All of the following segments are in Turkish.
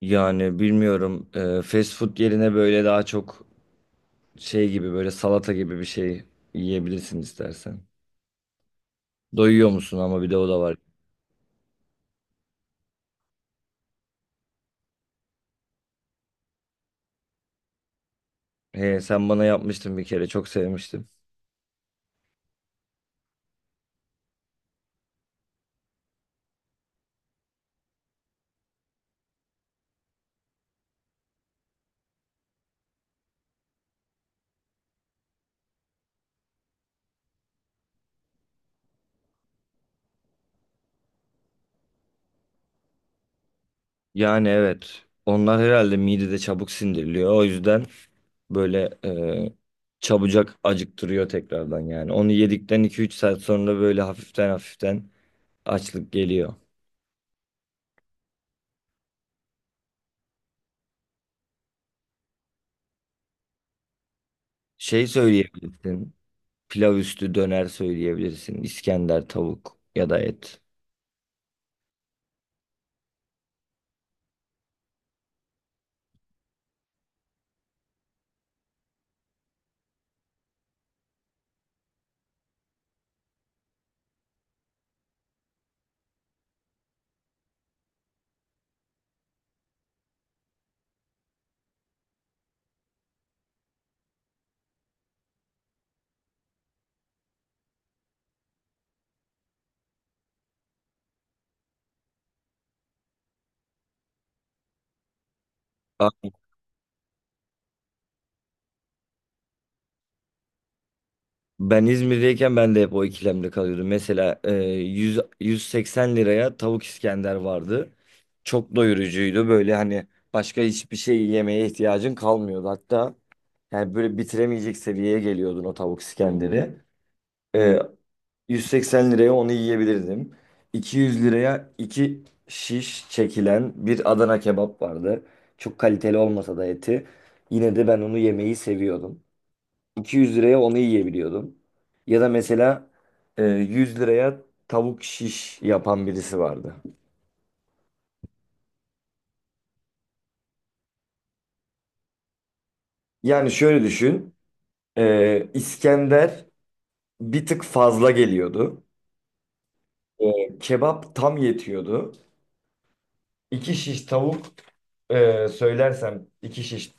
Yani bilmiyorum. Fast food yerine böyle daha çok şey gibi, böyle salata gibi bir şey yiyebilirsin istersen. Doyuyor musun ama, bir de o da var. He, sen bana yapmıştın bir kere, çok sevmiştim. Yani evet. Onlar herhalde midede çabuk sindiriliyor. O yüzden böyle çabucak acıktırıyor tekrardan yani. Onu yedikten iki üç saat sonra böyle hafiften hafiften açlık geliyor. Şey söyleyebilirsin. Pilav üstü döner söyleyebilirsin. İskender, tavuk ya da et. Aa, ben İzmir'deyken ben de hep o ikilemde kalıyordum. Mesela 100, 180 liraya tavuk İskender vardı. Çok doyurucuydu. Böyle hani başka hiçbir şey yemeye ihtiyacın kalmıyordu. Hatta yani böyle bitiremeyecek seviyeye geliyordun o tavuk İskender'i. E, 180 liraya onu yiyebilirdim. 200 liraya iki şiş çekilen bir Adana kebap vardı. Çok kaliteli olmasa da eti. Yine de ben onu yemeyi seviyordum. 200 liraya onu yiyebiliyordum. Ya da mesela 100 liraya tavuk şiş yapan birisi vardı. Yani şöyle düşün. İskender bir tık fazla geliyordu. Kebap tam yetiyordu. İki şiş tavuk, e, söylersem iki şiş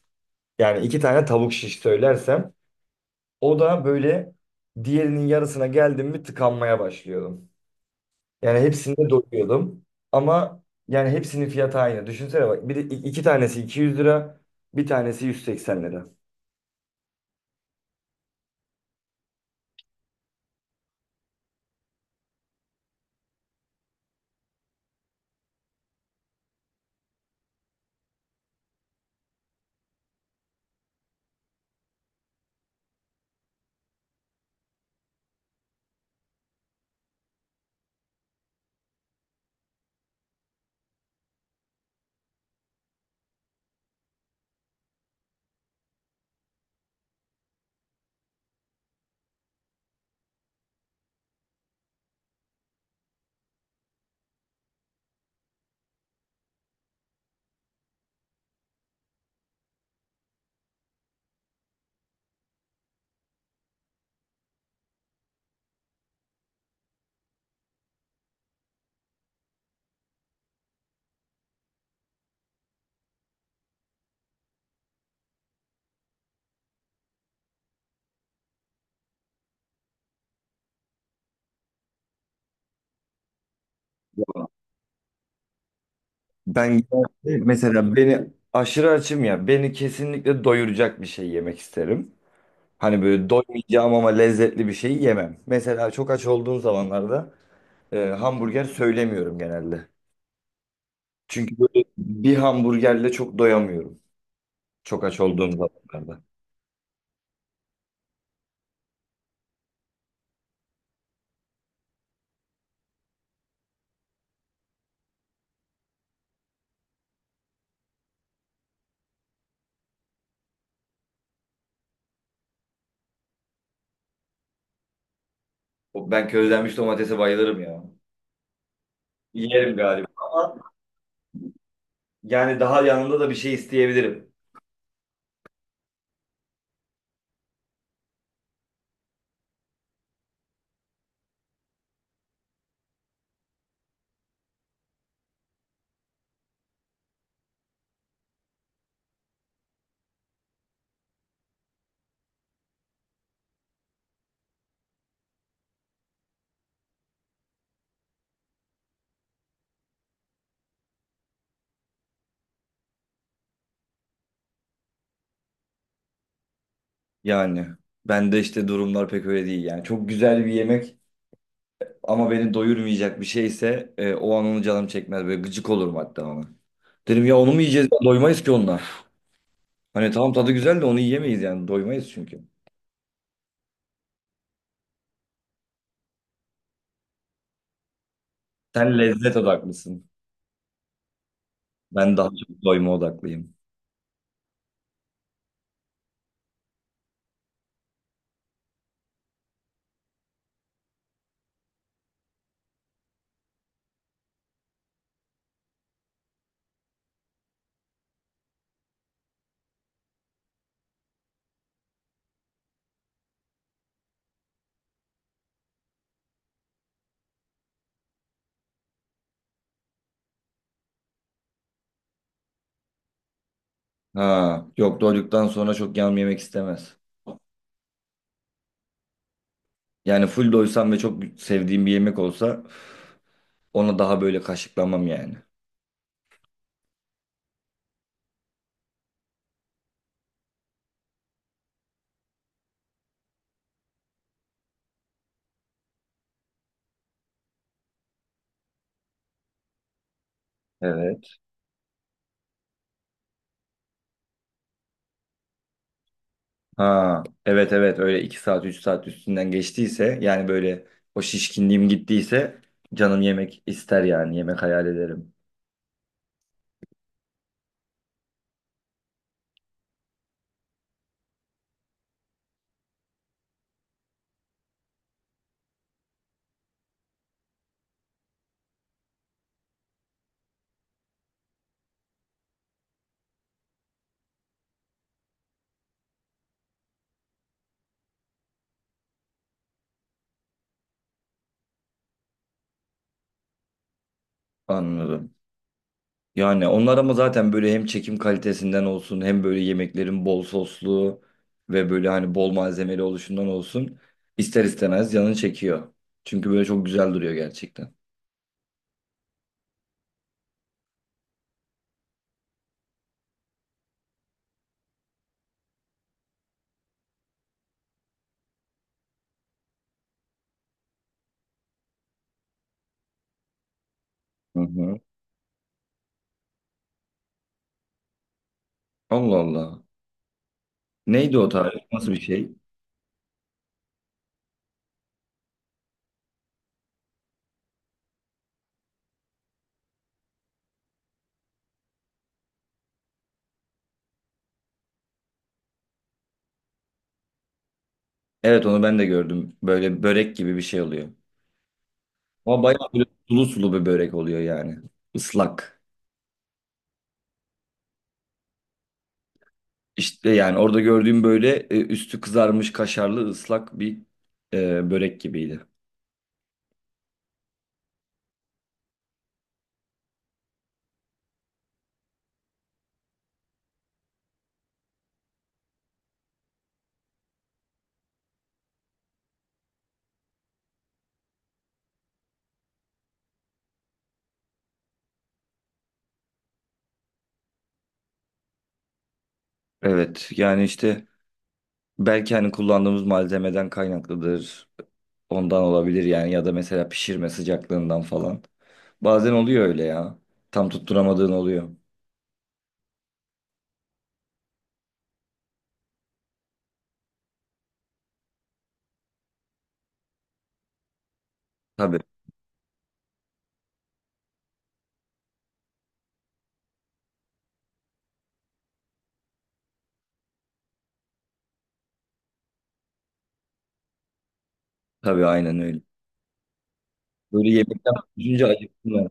yani iki tane tavuk şiş söylersem, o da böyle diğerinin yarısına geldim mi tıkanmaya başlıyordum. Yani hepsinde doyuyordum, ama yani hepsinin fiyatı aynı. Düşünsene bak, bir de iki tanesi 200 lira, bir tanesi 180 lira. Ben beni aşırı açım ya, beni kesinlikle doyuracak bir şey yemek isterim. Hani böyle doymayacağım ama lezzetli bir şey yemem. Mesela çok aç olduğum zamanlarda hamburger söylemiyorum genelde. Çünkü böyle bir hamburgerle çok doyamıyorum. Çok aç olduğum zamanlarda. Ben közlenmiş domatese bayılırım ya. Yerim galiba ama yani daha yanında da bir şey isteyebilirim. Yani ben de işte durumlar pek öyle değil yani. Çok güzel bir yemek ama beni doyurmayacak bir şeyse, o an onu canım çekmez. Böyle gıcık olurum hatta ona. Derim ya, onu mu yiyeceğiz? Doymayız ki onunla. Hani tamam, tadı güzel de onu yiyemeyiz yani. Doymayız çünkü. Sen lezzet odaklısın. Ben daha çok doyma odaklıyım. Ha, yok, doyduktan sonra çok yağım yemek istemez. Yani full doysam ve çok sevdiğim bir yemek olsa, ona daha böyle kaşıklamam yani. Evet. Ha, evet evet, öyle iki saat 3 saat üstünden geçtiyse, yani böyle o şişkinliğim gittiyse, canım yemek ister yani, yemek hayal ederim. Anladım. Yani onlar ama zaten böyle hem çekim kalitesinden olsun, hem böyle yemeklerin bol soslu ve böyle hani bol malzemeli oluşundan olsun, ister istemez canın çekiyor. Çünkü böyle çok güzel duruyor gerçekten. Hı hı. Allah Allah. Neydi o tarif? Nasıl bir şey? Evet, onu ben de gördüm. Böyle börek gibi bir şey oluyor. Ama bayağı böyle sulu sulu bir börek oluyor yani. Islak. İşte yani orada gördüğüm böyle üstü kızarmış kaşarlı ıslak bir börek gibiydi. Evet yani işte belki hani kullandığımız malzemeden kaynaklıdır. Ondan olabilir yani, ya da mesela pişirme sıcaklığından falan. Bazen oluyor öyle ya. Tam tutturamadığın oluyor. Tabii tabii, aynen öyle. Böyle yemekten düşünce acıktım ben.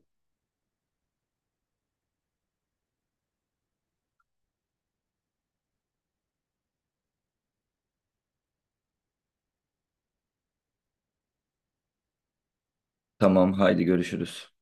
Tamam, haydi görüşürüz.